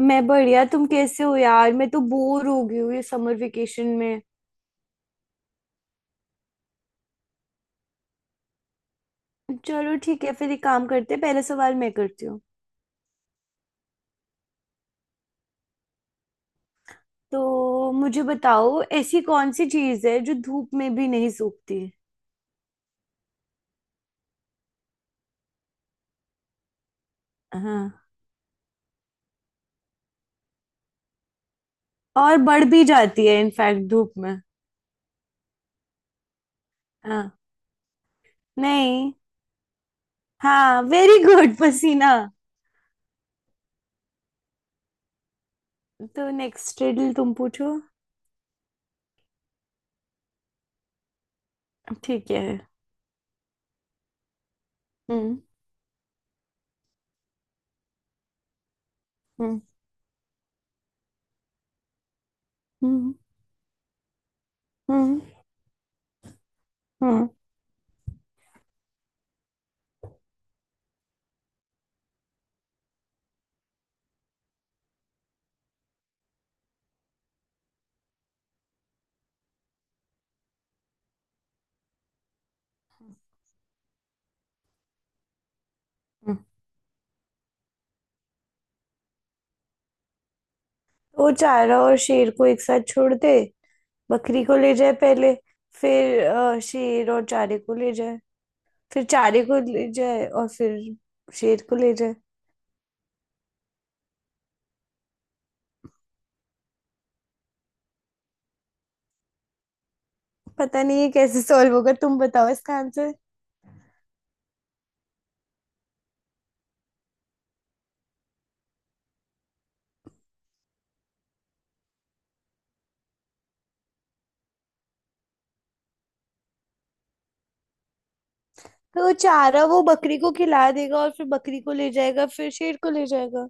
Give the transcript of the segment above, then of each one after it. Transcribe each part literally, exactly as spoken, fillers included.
मैं बढ़िया। तुम कैसे हो यार? मैं तो बोर हो गई हूँ ये समर वेकेशन में। चलो ठीक है, फिर एक काम करते हैं, पहला सवाल मैं करती हूँ। तो मुझे बताओ, ऐसी कौन सी चीज है जो धूप में भी नहीं सूखती? हाँ। और बढ़ भी जाती है इनफैक्ट धूप में। हाँ। नहीं। हाँ, वेरी गुड पसीना। तो नेक्स्ट रिडल तुम पूछो। ठीक है। हम्म। हम्म। हम्म। हम्म। हम्म। हम्म। वो चारा और शेर को एक साथ छोड़ दे, बकरी को ले जाए पहले, फिर अ, शेर और चारे को ले जाए, फिर चारे को ले जाए और फिर शेर को ले जाए। पता नहीं ये कैसे सॉल्व होगा, तुम बताओ इसका आंसर। तो वो चारा वो बकरी को खिला देगा और फिर बकरी को ले जाएगा फिर शेर को ले जाएगा।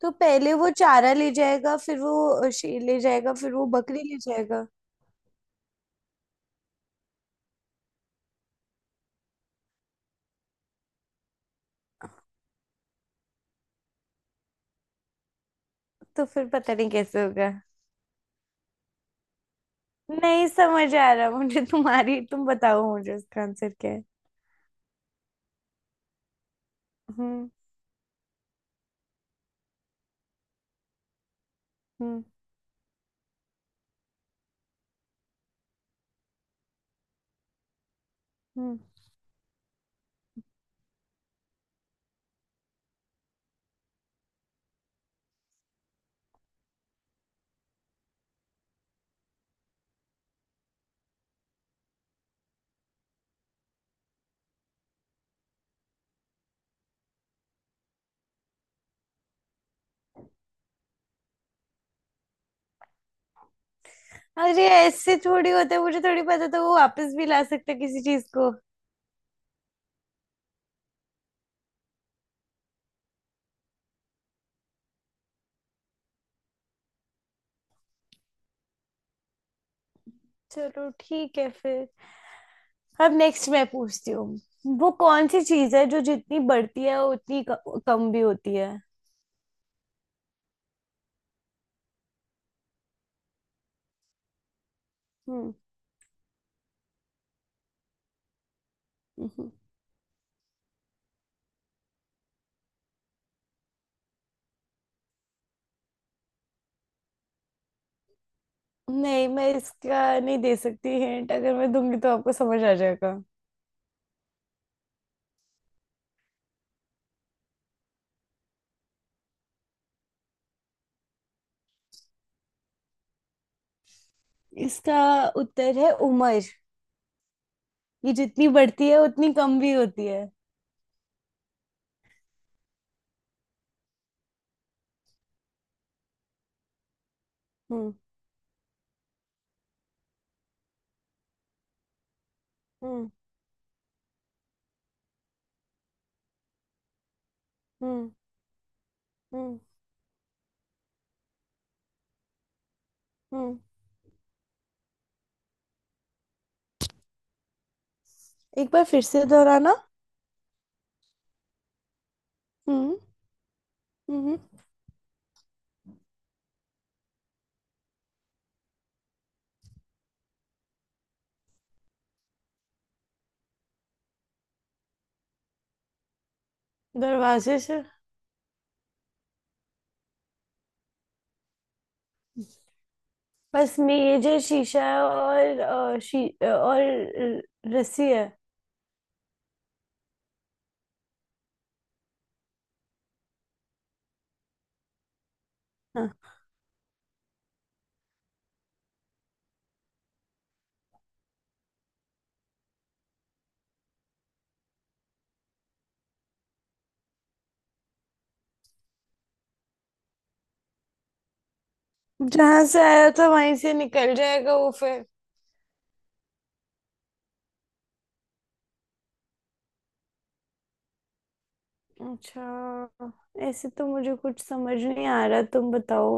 तो पहले वो चारा ले जाएगा, फिर वो अ, शेर ले जाएगा, फिर वो बकरी ले जाएगा। तो फिर पता नहीं कैसे होगा। नहीं समझ आ रहा मुझे, तुम्हारी तुम बताओ मुझे इसका आंसर क्या है। हम्म। हम्म। हम्म। अरे ऐसे थोड़ी होता है, मुझे थोड़ी पता था वो वापस भी ला सकता है किसी चीज को। चलो ठीक है फिर। अब नेक्स्ट मैं पूछती हूँ। वो कौन सी चीज है जो जितनी बढ़ती है वो उतनी क- कम भी होती है? हम्म। हम्म। नहीं मैं इसका नहीं दे सकती हिंट, अगर मैं दूंगी तो आपको समझ आ जाएगा। इसका उत्तर है उम्र। ये जितनी बढ़ती है उतनी कम भी होती है। हम्म। हम्म। हम्म। हम्म। हम्म। एक बार फिर से दोहराना। हम्म। हम्म। दरवाजे से। बस मेज है, शीशा है और अ, शी अ, और र- रस्सी है। हाँ। जहां से आया था वहीं से निकल जाएगा वो फिर। अच्छा। ऐसे तो मुझे कुछ समझ नहीं आ रहा, तुम बताओ।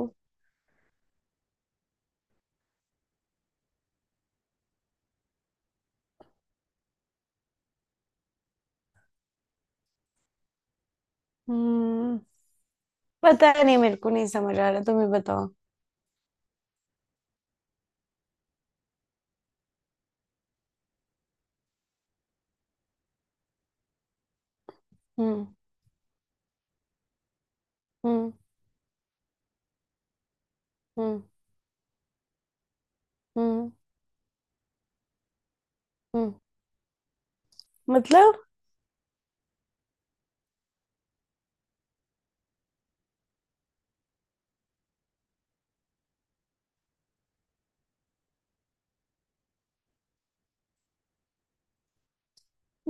हम्म। पता नहीं, मेरे को नहीं समझ आ रहा, तुम ही बताओ। हम्म। हम्म। हम्म। हम्म। हम्म। मतलब,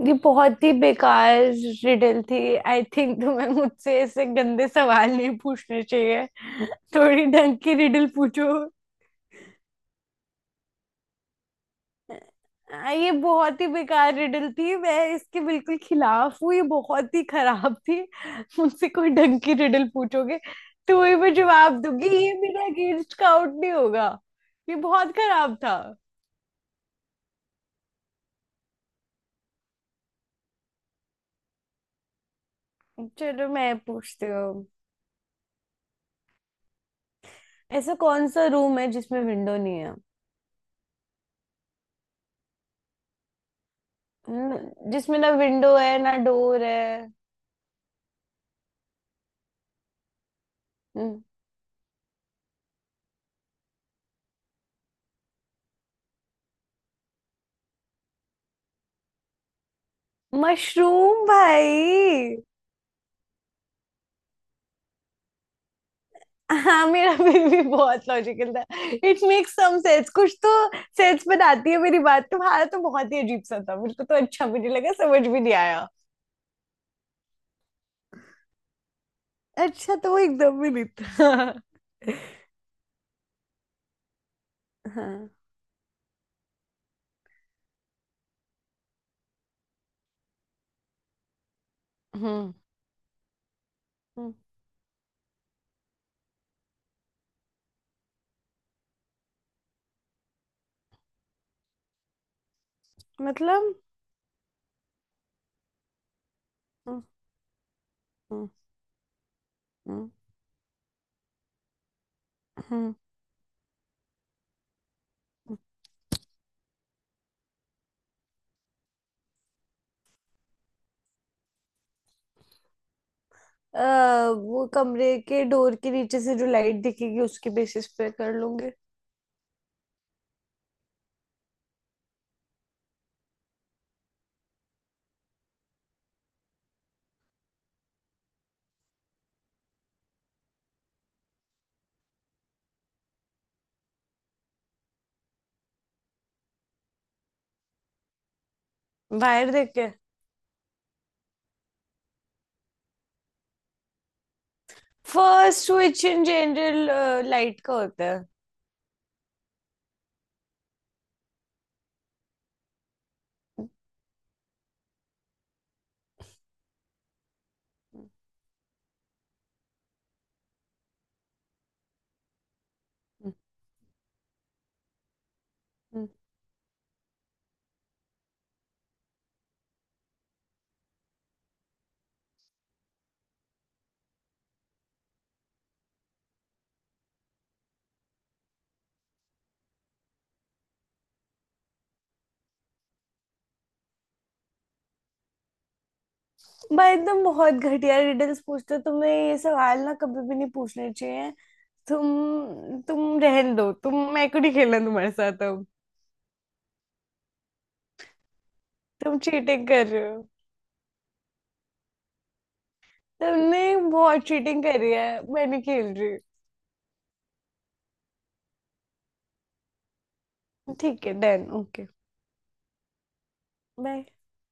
ये बहुत ही बेकार रिडल थी आई थिंक, तुम्हें मुझसे ऐसे गंदे सवाल नहीं पूछने चाहिए। थोड़ी ढंग की रिडल पूछो। आ, ये बहुत ही बेकार रिडल थी, मैं इसके बिल्कुल खिलाफ हूँ, ये बहुत ही खराब थी। मुझसे कोई ढंग की रिडल पूछोगे तो वही मैं जवाब दूंगी, ये मेरा अगेंस्ट काउंट नहीं होगा। ये बहुत खराब था। चलो मैं पूछती हूँ। ऐसा कौन सा रूम है जिसमें विंडो नहीं है? न- जिसमें ना विंडो है ना डोर है? न- मशरूम भाई। हाँ मेरा फिर भी बहुत लॉजिकल था। इट मेक्स सम सेंस, कुछ तो सेंस बनाती है मेरी बात। तुम्हारा तो बहुत ही अजीब सा था, मेरे को तो अच्छा भी नहीं लगा, समझ भी नहीं आया। अच्छा तो वो एकदम भी नहीं था। हाँ। हम्म। हम्म, मतलब। हम्म। हम्म। हम्म, हम्म। अ, वो कमरे के डोर के नीचे से जो लाइट दिखेगी उसके बेसिस पे कर लूंगे। बाहर देख के। First switch in general light का होता है। भाई तुम बहुत घटिया रिडल्स पूछते हो, तुम्हें ये सवाल ना कभी भी नहीं पूछने चाहिए। तुम तुम रहन दो, तुम मैं को नहीं खेलना तुम्हारे साथ अब। तुम चीटिंग कर रहे हो। तुमने बहुत चीटिंग करी है। मैं नहीं खेल रही। ठीक है, डन, ओके, बाय।